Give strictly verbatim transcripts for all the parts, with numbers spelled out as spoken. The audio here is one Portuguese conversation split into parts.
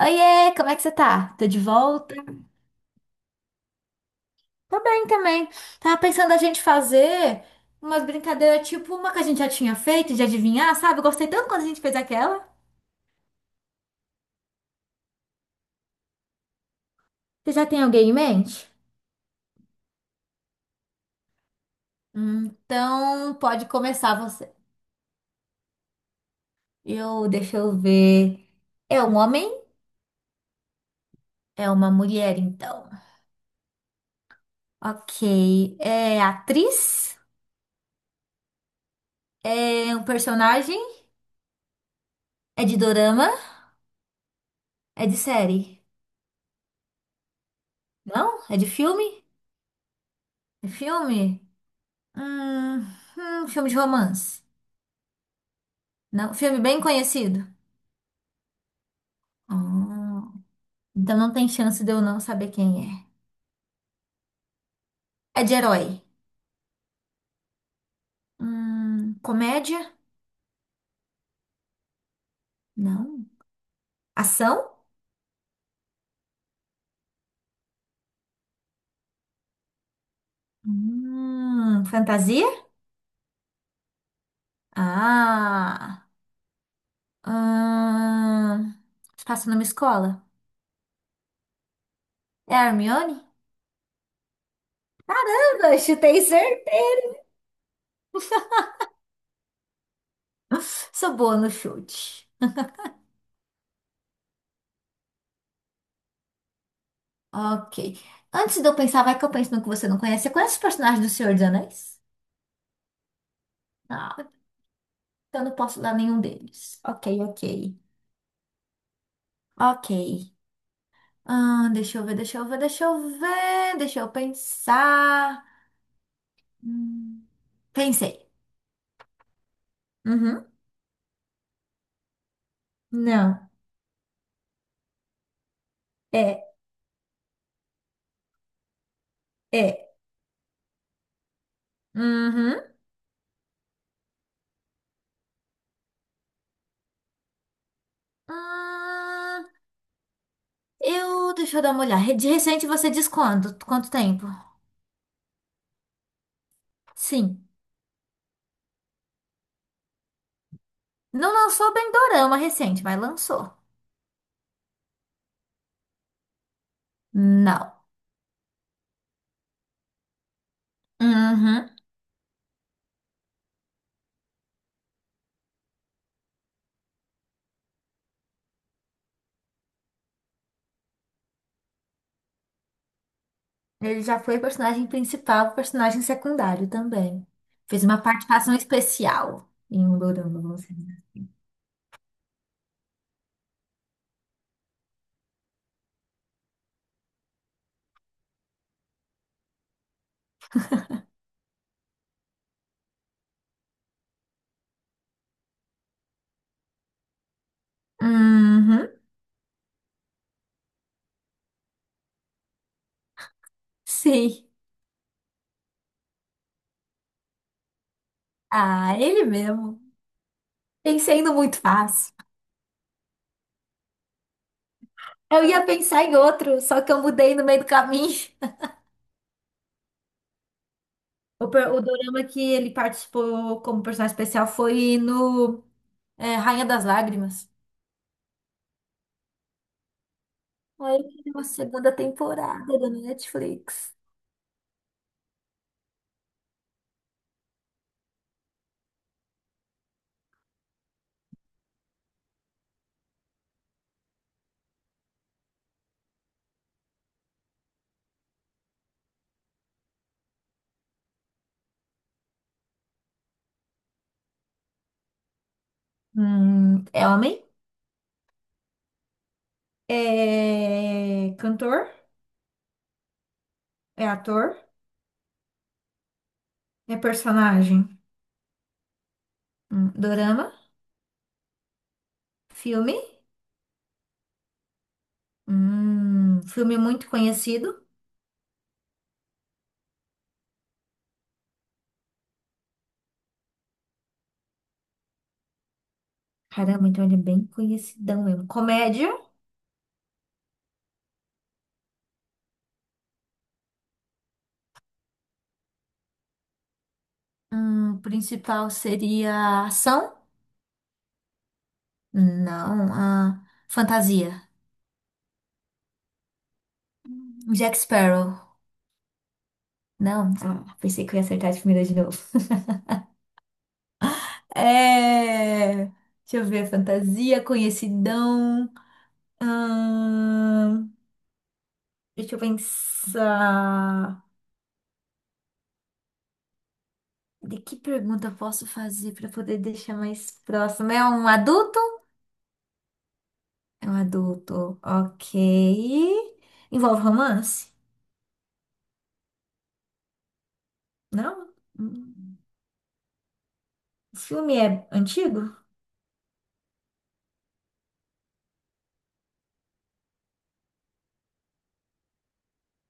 Oiê, como é que você tá? Tô de volta? Tô bem também. Tava pensando a gente fazer umas brincadeiras tipo uma que a gente já tinha feito de adivinhar, sabe? Eu gostei tanto quando a gente fez aquela. Você já tem alguém em mente? Hum, Então, pode começar você. Eu, deixa eu ver. É um homem? É uma mulher, então. Ok. É atriz? É um personagem? É de dorama? É de série? Não? É de filme? É filme? Hum, hum, filme de romance. Não, filme bem conhecido. Hum, então não tem chance de eu não saber quem é. É de herói. Hum, comédia? Não. Ação? Hum, fantasia? Ah. Hum, se passa numa escola? É a Hermione? Eu chutei certeza. Sou boa no chute. Ok. Antes de eu pensar, vai que eu penso no que você não conhece. Você conhece os personagens do Senhor dos Anéis? Não. Eu não posso dar nenhum deles. Ok, ok. Ok. Ah, deixa eu ver, deixa eu ver, deixa eu ver, deixa eu pensar. Hum, pensei. Uhum. Não. É, é. Uhum. Hum, eu, deixa eu dar uma olhada. De recente você diz quando? Quanto tempo? Sim. Não lançou bem dorama recente, mas lançou. Não. Uhum. Ele já foi personagem principal, personagem secundário também. Fez uma participação especial em um dorama, vamos dizer. Uhum, sim. Ah, ele mesmo. Pensei no muito fácil. Eu ia pensar em outro, só que eu mudei no meio do caminho. O, per- o dorama que ele participou como personagem especial foi no é, Rainha das Lágrimas. Aí eu uma segunda temporada da Netflix. Hum, é homem? É cantor? É ator? É personagem. Hum, dorama? Filme? Hum, filme muito conhecido. Caramba, então ele é bem conhecidão mesmo. Comédia? Hum, principal seria ação? Não. ah, fantasia. Jack Sparrow. Não. Ah, pensei que eu ia acertar de primeira de novo. É. Deixa eu ver. Fantasia, conhecidão. Hum, deixa eu pensar. De que pergunta eu posso fazer para poder deixar mais próximo? É um adulto? É um adulto, ok. Envolve romance? Não? Hum. O filme é antigo?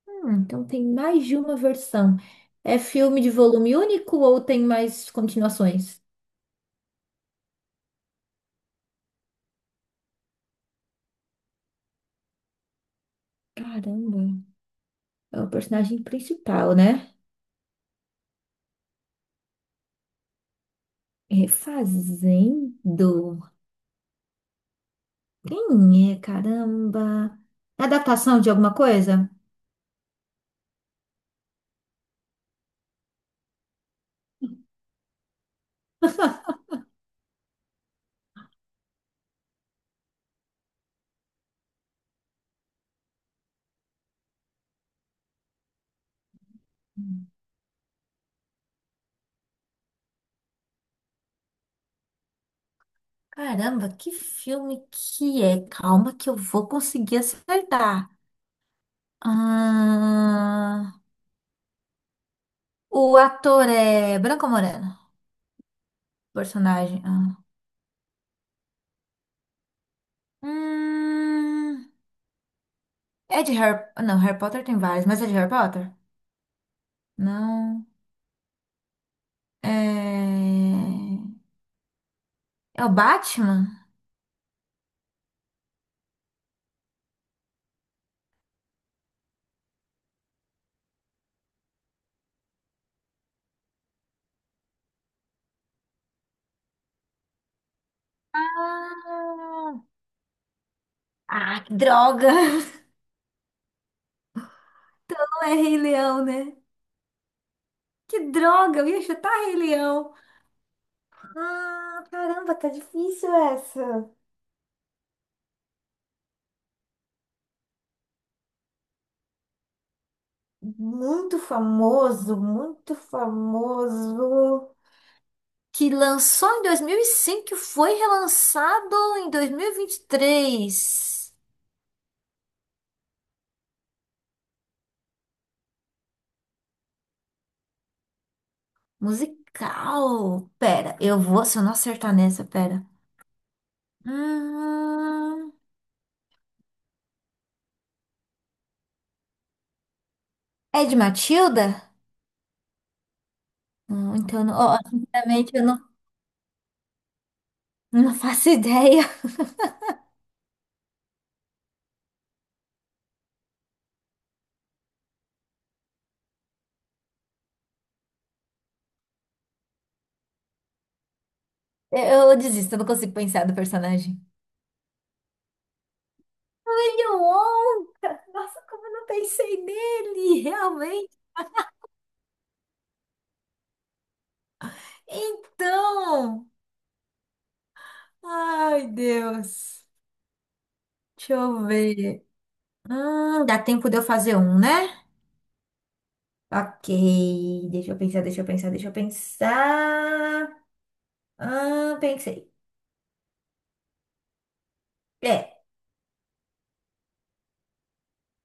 Hum, então tem mais de uma versão. É filme de volume único ou tem mais continuações? Caramba, é o personagem principal, né? É refazendo. Quem é? Caramba. É adaptação de alguma coisa? Caramba, que filme que é? Calma que eu vou conseguir acertar. Ah, o ator é Branco ou Moreno, personagem. Ah. Hum, é de Harry... Não, Harry Potter tem vários, mas é de Harry Potter? Não. É... É o Batman? Ah, ah, que droga! Então não é Rei Leão, né? Que droga, eu ia chutar Rei Leão. Ah, caramba, tá difícil essa. Muito famoso, muito famoso, que lançou em dois mil e cinco, e foi relançado em dois mil e e vinte e três. Musical. Pera, eu vou, se eu não acertar nessa, pera. Hum, é de Matilda? Hum, então, não- ó, sinceramente, eu não, não faço ideia. Eu, eu desisto, eu não consigo pensar do personagem. William Wong! Nossa, como eu não pensei nele, realmente. Então. Ai, Deus. Deixa eu ver. Hum, dá tempo de eu fazer um, né? Ok. Deixa eu pensar, deixa eu pensar, deixa eu pensar. Ah, pensei. É.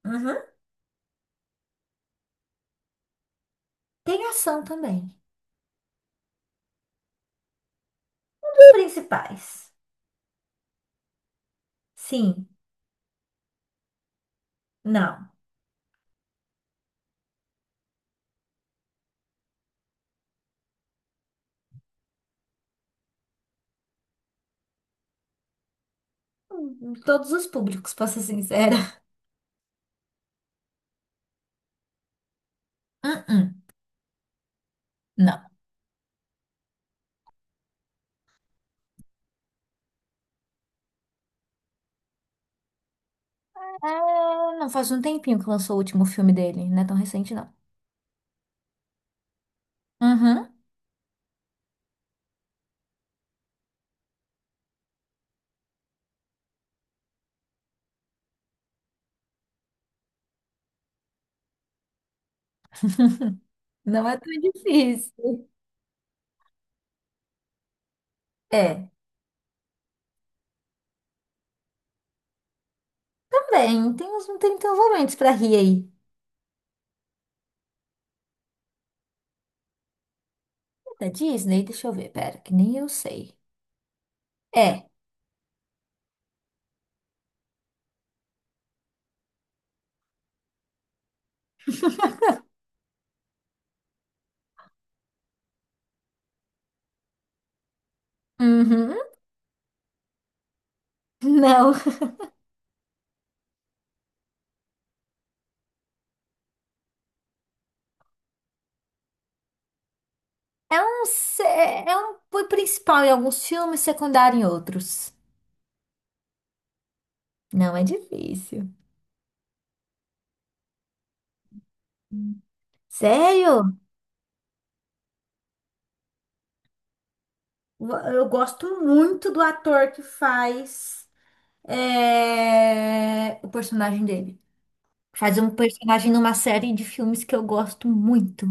Uhum. Tem ação também. Os principais. Sim. Não. Hum, Todos os públicos, pra ser sincera. Uh-uh. Não. Ah, não faz um tempinho que lançou o último filme dele. Não é tão recente, não. Uhum. Não é tão difícil. É. Também. Tem uns, tem, tem uns momentos pra rir aí. Da Disney? Deixa eu ver, pera, que nem eu sei. É. Uhum. Não. É um, se- é um apoio principal em alguns filmes, secundário em outros. Não é difícil. Sério? Eu gosto muito do ator que faz é, O personagem dele. Faz um personagem numa série de filmes que eu gosto muito.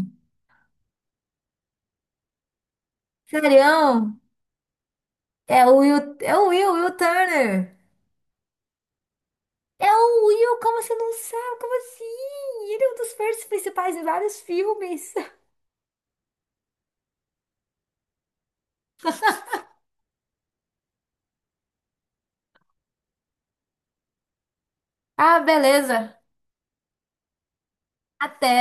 Sério? É o Will, é o Will, Will Turner. É o Will, como você não sabe? Como assim? Ele é um dos personagens principais em vários filmes. Ah, beleza. Até.